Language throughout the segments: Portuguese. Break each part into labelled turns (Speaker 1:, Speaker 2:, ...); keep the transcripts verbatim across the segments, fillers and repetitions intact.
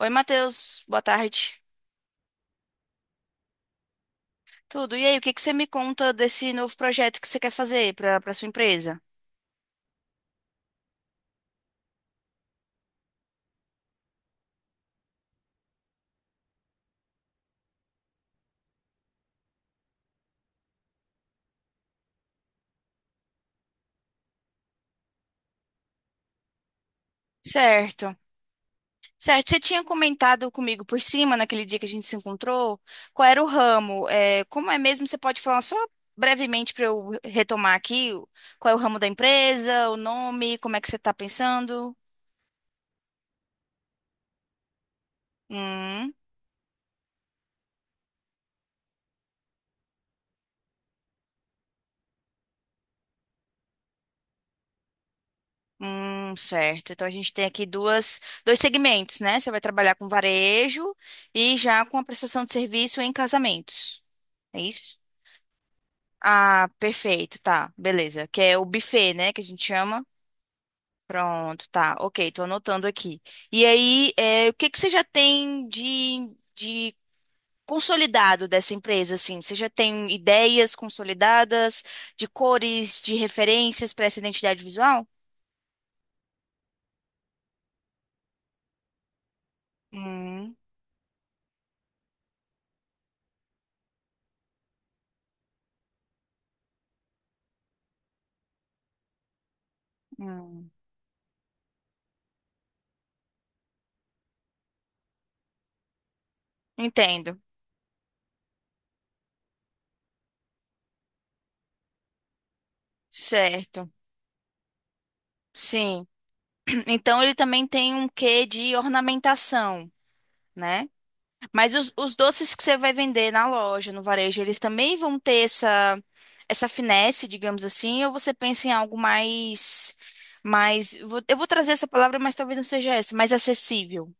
Speaker 1: Oi, Matheus, boa tarde. Tudo. E aí, o que que você me conta desse novo projeto que você quer fazer para para sua empresa? Certo. Certo, você tinha comentado comigo por cima, naquele dia que a gente se encontrou, qual era o ramo. É, como é mesmo, você pode falar só brevemente para eu retomar aqui, o- qual é o ramo da empresa, o nome, como é que você está pensando? Hum, hum, certo. Então a gente tem aqui duas, dois segmentos, né? Você vai trabalhar com varejo e já com a prestação de serviço em casamentos. É isso? Ah, perfeito, tá. Beleza. Que é o buffet, né? Que a gente chama. Pronto, tá. Ok, tô anotando aqui. E aí, é, o que que você já tem de, de consolidado dessa empresa, assim? Você já tem ideias consolidadas de cores, de referências para essa identidade visual? Hum, hum. Entendo. Certo. Sim. Então ele também tem um quê de ornamentação, né? Mas os, os doces que você vai vender na loja, no varejo, eles também vão ter essa, essa finesse, digamos assim, ou você pensa em algo mais, mais, vou- eu vou trazer essa palavra, mas talvez não seja essa, mais acessível.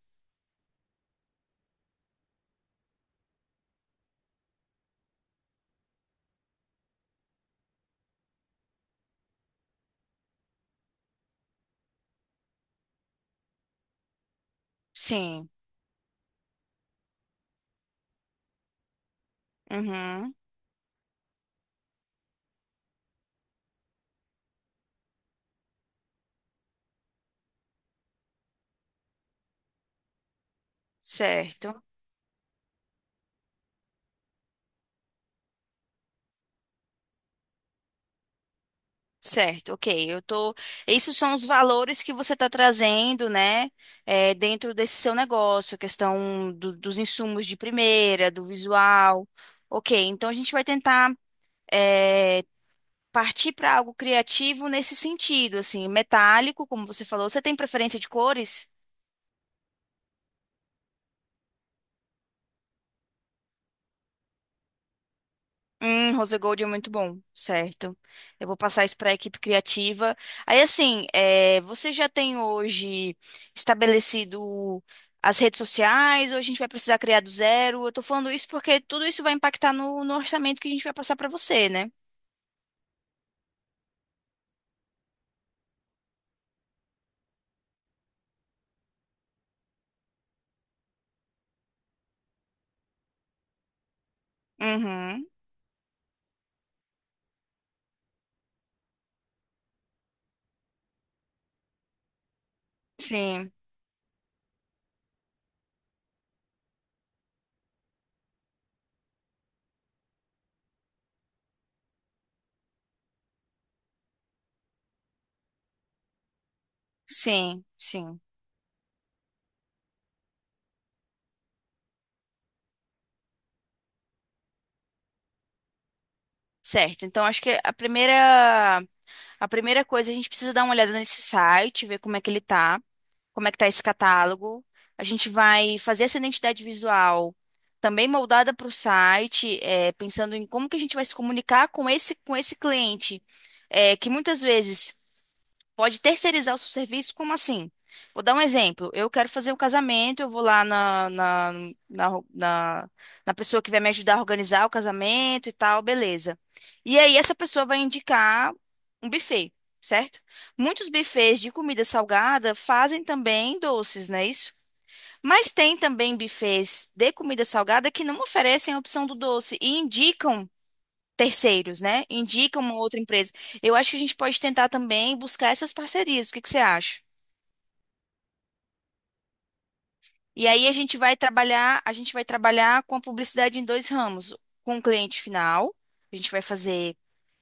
Speaker 1: Sim. Uhum. Certo. Certo, ok. Eu tô. Esses são os valores que você está trazendo, né? É, dentro desse seu negócio, a questão do- dos insumos de primeira, do visual. Ok, então a gente vai tentar. eh, Partir para algo criativo nesse sentido, assim, metálico, como você falou. Você tem preferência de cores? Hum, rose gold é muito bom, certo. Eu vou passar isso para a equipe criativa. Aí, assim, é, você já tem hoje estabelecido as redes sociais, ou a gente vai precisar criar do zero? Eu tô falando isso porque tudo isso vai impactar no, no orçamento que a gente vai passar para você, né? Uhum. Sim, sim, sim. Certo. Então, acho que a primeira A primeira coisa, a gente precisa dar uma olhada nesse site, ver como é que ele tá, como é que tá esse catálogo. A gente vai fazer essa identidade visual também moldada para o site, eh, pensando em como que a gente vai se comunicar com esse, com esse cliente, eh, que muitas vezes pode terceirizar o seu serviço? Como assim? Vou dar um exemplo. Eu quero fazer o casamento, eu vou lá na, na, na, na, na pessoa que vai me ajudar a organizar o casamento e tal, beleza. E aí essa pessoa vai indicar um buffet, certo? Muitos buffets de comida salgada fazem também doces, não é isso? Mas tem também buffets de comida salgada que não oferecem a opção do doce e indicam terceiros, né? Indica uma outra empresa. Eu acho que a gente pode tentar também buscar essas parcerias. O que que você acha? E aí a gente vai trabalhar, a gente vai trabalhar com a publicidade em dois ramos, com o cliente final. A gente vai fazer,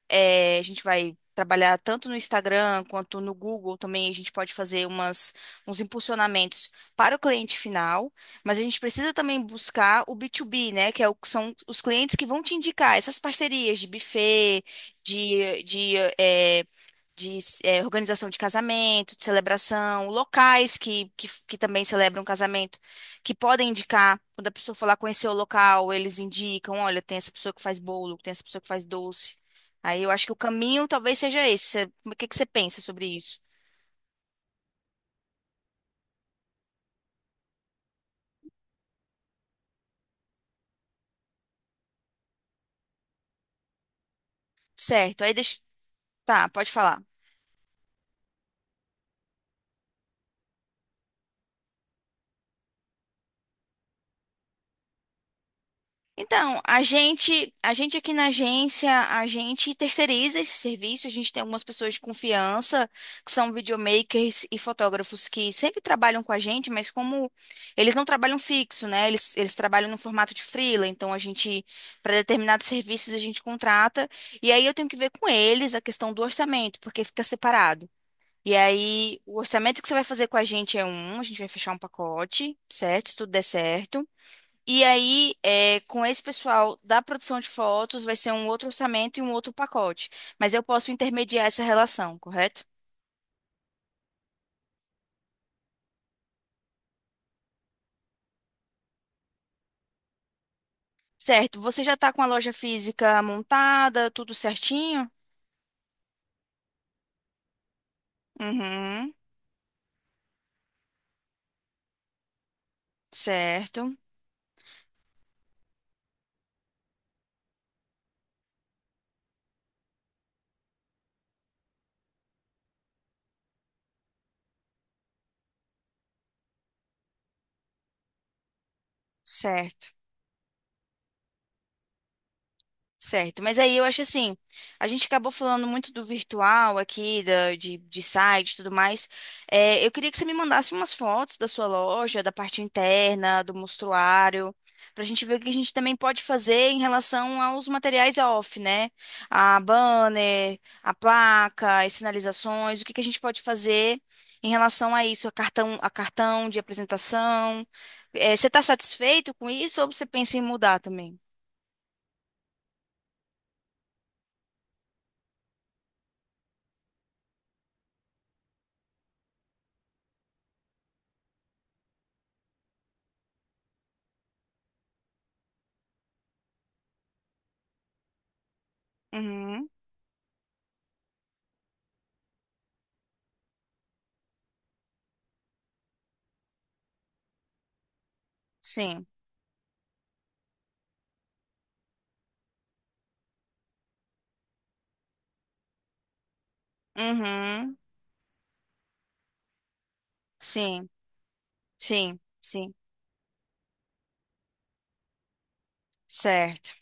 Speaker 1: eh, a gente vai trabalhar tanto no Instagram quanto no Google também. A gente pode fazer umas, uns impulsionamentos para o cliente final, mas a gente precisa também buscar o B dois B, né? Que é o- são os clientes que vão te indicar essas parcerias de buffet, de, de eh, de eh, organização de casamento, de celebração, locais que, que, que também celebram casamento, que podem indicar, quando a pessoa for lá conhecer o local, eles indicam, olha, tem essa pessoa que faz bolo, tem essa pessoa que faz doce. Aí eu acho que o caminho talvez seja esse. Cê- O que que você pensa sobre isso? Certo, aí deixa... Tá, pode falar. Então, a gente, a gente aqui na agência, a gente terceiriza esse serviço, a gente tem algumas pessoas de confiança, que são videomakers e fotógrafos que sempre trabalham com a gente, mas como eles não trabalham fixo, né? Eles, eles trabalham no formato de freela, então a gente, para determinados serviços, a gente contrata, e aí eu tenho que ver com eles a questão do orçamento, porque fica separado. E aí, o orçamento que você vai fazer com a gente é um, a gente vai fechar um pacote, certo? Se tudo der certo. E aí, é, com esse pessoal da produção de fotos, vai ser um outro orçamento e um outro pacote. Mas eu posso intermediar essa relação, correto? Certo. Você já está com a loja física montada, tudo certinho? Uhum. Certo. Certo. Certo, mas aí eu acho assim, a gente acabou falando muito do virtual aqui, da, de, de site e tudo mais. É, eu queria que você me mandasse umas fotos da sua loja, da parte interna, do mostruário, pra gente ver o que a gente também pode fazer em relação aos materiais off, né? A banner, a placa, as sinalizações, o que que a gente pode fazer em relação a isso, a cartão, a cartão de apresentação. É, você está satisfeito com isso ou você pensa em mudar também? Uhum, sim. Uhum. Sim, sim, sim. Certo.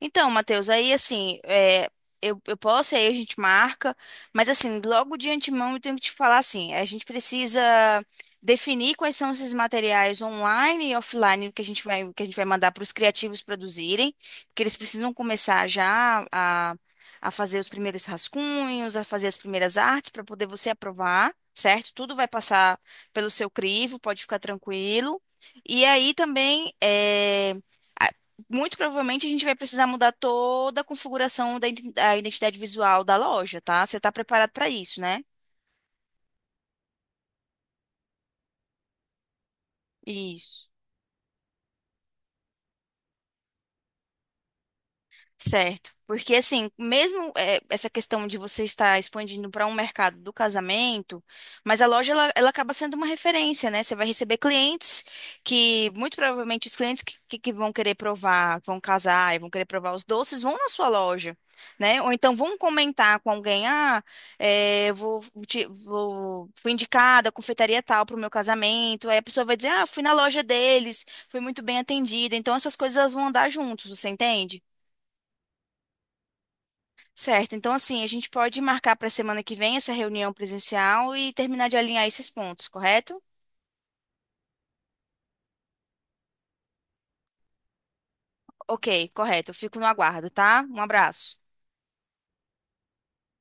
Speaker 1: Então, Matheus, aí assim, é, eu, eu posso, aí a gente marca, mas assim, logo de antemão eu tenho que te falar assim, a gente precisa definir quais são esses materiais online e offline que a gente vai, que a gente vai mandar para os criativos produzirem, porque eles precisam começar já a, a fazer os primeiros rascunhos, a fazer as primeiras artes para poder você aprovar, certo? Tudo vai passar pelo seu crivo, pode ficar tranquilo. E aí também, é muito provavelmente a gente vai precisar mudar toda a configuração da iden- da identidade visual da loja, tá? Você tá preparado para isso, né? Isso. Certo. Porque, assim, mesmo eh, essa questão de você estar expandindo para um mercado do casamento, mas a loja, ela, ela acaba sendo uma referência, né? Você vai receber clientes que, muito provavelmente, os clientes que, que que vão querer provar, vão casar e vão querer provar os doces, vão na sua loja, né? Ou então vão comentar com alguém, ah, eh, vou, te- vou, fui indicada a confeitaria tal para o meu casamento. Aí a pessoa vai dizer, ah, fui na loja deles, fui muito bem atendida. Então, essas coisas elas vão andar juntos, você entende? Certo, então assim, a gente pode marcar para a semana que vem essa reunião presencial e terminar de alinhar esses pontos, correto? Ok, correto. Eu fico no aguardo, tá? Um abraço.